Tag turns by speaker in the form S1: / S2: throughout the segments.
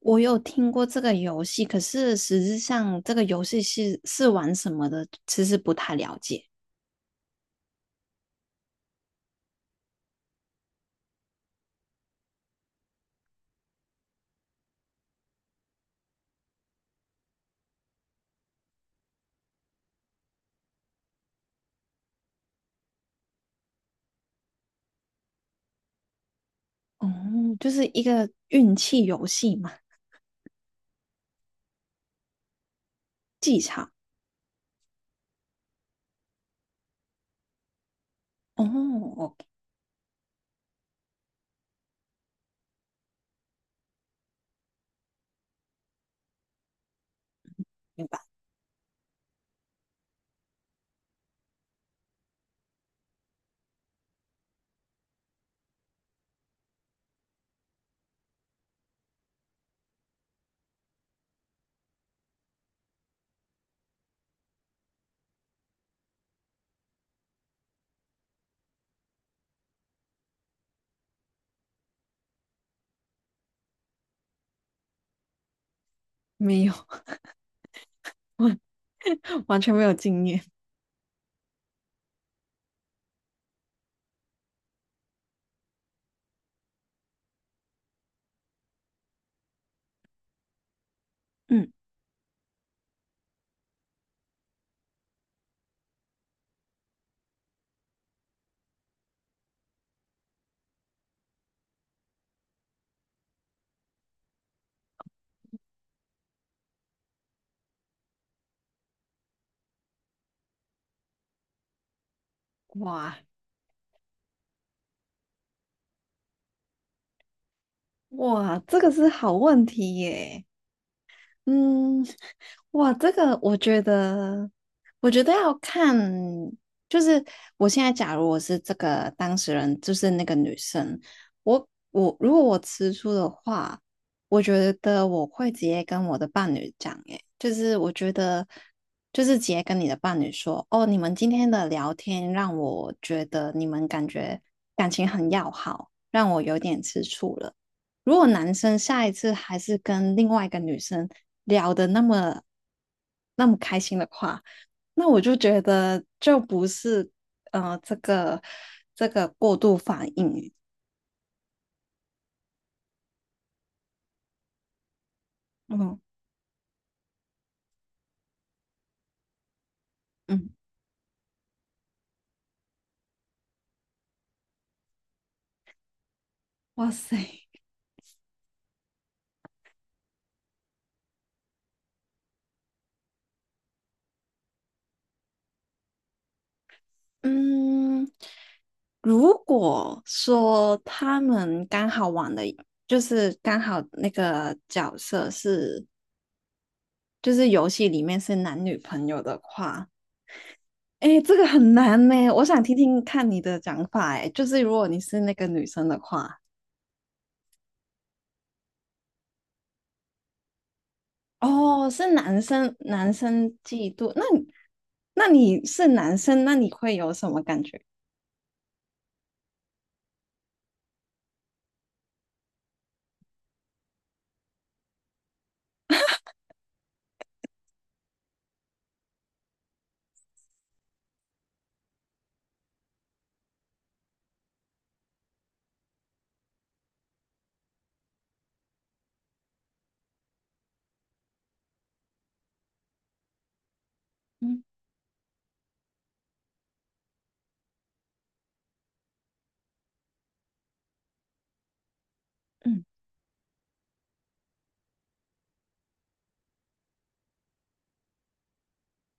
S1: 我有听过这个游戏，可是实质上这个游戏是玩什么的，其实不太了解。哦，就是一个运气游戏嘛，技巧。哦，我明白。没有。完完全没有经验。嗯。哇，哇，这个是好问题耶。嗯。哇，这个我觉得，我觉得要看，就是我现在假如我是这个当事人，就是那个女生，我如果我吃醋的话，我觉得我会直接跟我的伴侣讲，诶，就是我觉得，就是直接跟你的伴侣说，哦，你们今天的聊天让我觉得你们感觉感情很要好，让我有点吃醋了。如果男生下一次还是跟另外一个女生聊的那么开心的话，那我就觉得就不是呃这个这个过度反应。嗯嗯。哇塞。嗯，如果说他们刚好玩的，就是刚好那个角色是就是游戏里面是男女朋友的话，哎，这个很难呢，我想听听看你的讲法。哎，就是如果你是那个女生的话，哦，是男生，男生嫉妒，那你，那你是男生，那你会有什么感觉？嗯嗯。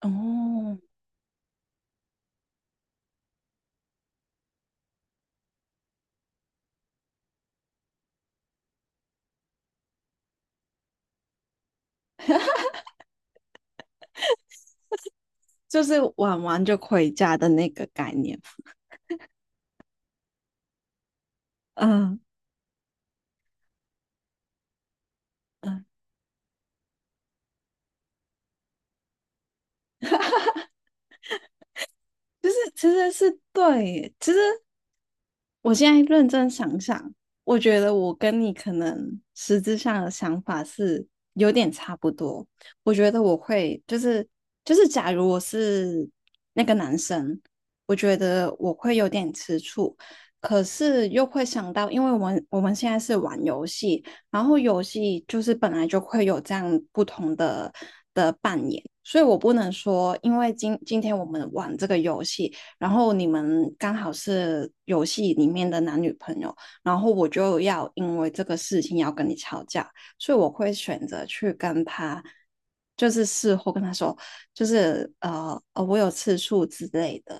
S1: 哦，就是玩完就回家的那个概念。嗯嗯。就是，其实是对耶，其实我现在认真想想，我觉得我跟你可能实质上的想法是有点差不多。我觉得我会就是，就是，假如我是那个男生，我觉得我会有点吃醋，可是又会想到，因为我们现在是玩游戏，然后游戏就是本来就会有这样不同的的扮演，所以我不能说，因为今天我们玩这个游戏，然后你们刚好是游戏里面的男女朋友，然后我就要因为这个事情要跟你吵架，所以我会选择去跟他。就是事后跟他说，就是我有次数之类的。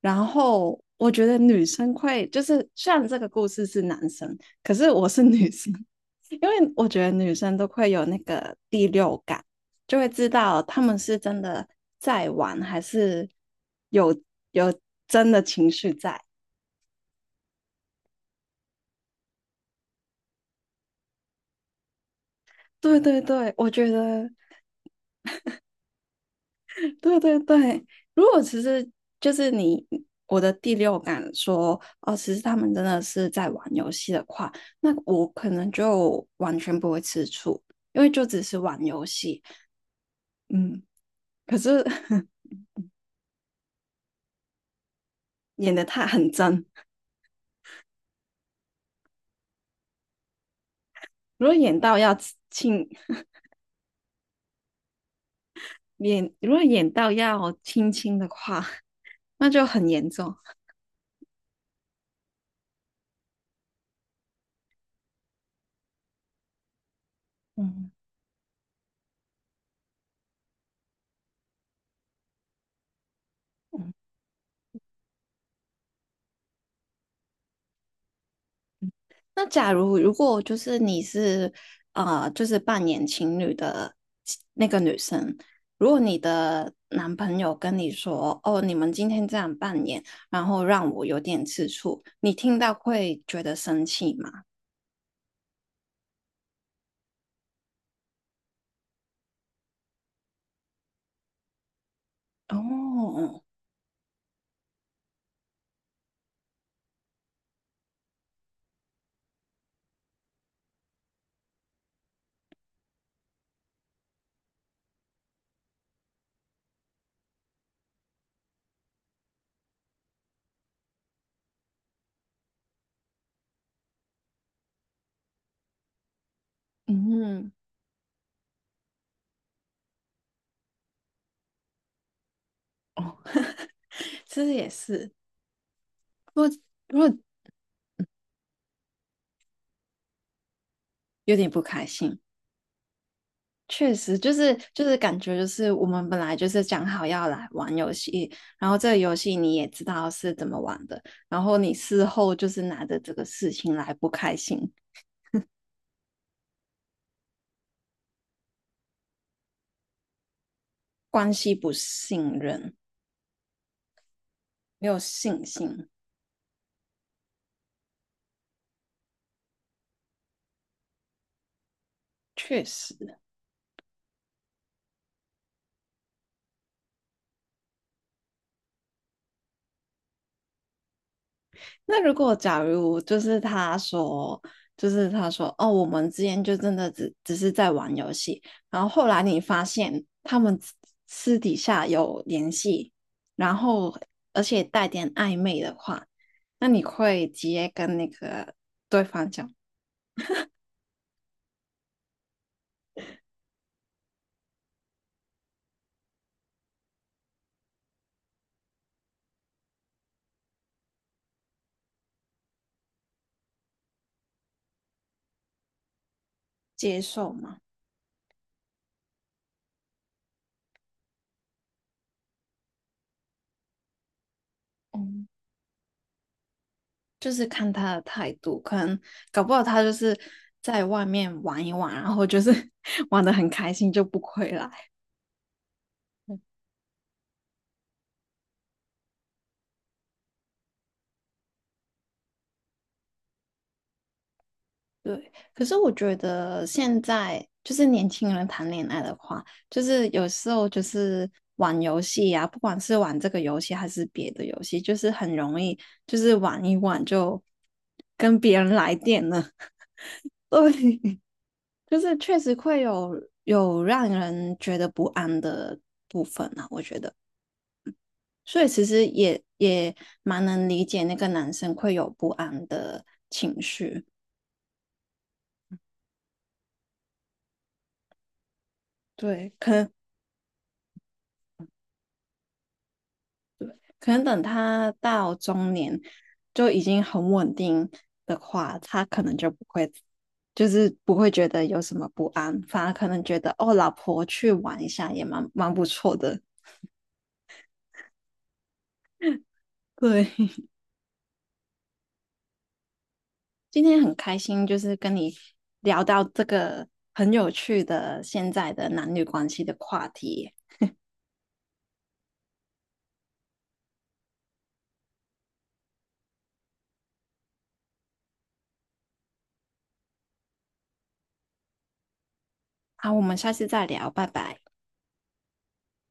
S1: 然后我觉得女生会，就是虽然这个故事是男生，可是我是女生，因为我觉得女生都会有那个第六感，就会知道他们是真的在玩，还是有，有真的情绪在。对对对，我觉得对对对。如果其实就是你，我的第六感说哦，其实他们真的是在玩游戏的话，那我可能就完全不会吃醋，因为就只是玩游戏。嗯。可是 演的太很真，如果演到要亲，演如果演到要亲亲的话，那就很严重。嗯嗯，那假如如果就是你是就是扮演情侣的那个女生，如果你的男朋友跟你说："哦，你们今天这样扮演，然后让我有点吃醋"，你听到会觉得生气吗？哦。嗯。哦，其实也是，如果，如果有点不开心，确实，就是就是感觉就是我们本来就是讲好要来玩游戏，然后这个游戏你也知道是怎么玩的，然后你事后就是拿着这个事情来不开心，关系不信任，没有信心，确实。那如果假如就是他说，就是他说，哦，我们之间就真的只是在玩游戏，然后后来你发现他们私底下有联系，然后而且带点暧昧的话，那你会直接跟那个对方讲接受吗？嗯，就是看他的态度，可能搞不好他就是在外面玩一玩，然后就是 玩的很开心就不回来。对，可是我觉得现在就是年轻人谈恋爱的话，就是有时候就是玩游戏啊，不管是玩这个游戏还是别的游戏，就是很容易就是玩一玩就跟别人来电了。对，就是确实会有，有让人觉得不安的部分啊，我觉得。所以其实也也蛮能理解那个男生会有不安的情绪。对，可能，可能等他到中年就已经很稳定的话，他可能就不会，就是不会觉得有什么不安，反而可能觉得哦，老婆去玩一下也蛮不错的。对，今天很开心，就是跟你聊到这个很有趣的现在的男女关系的话题。好，我们下次再聊，拜拜。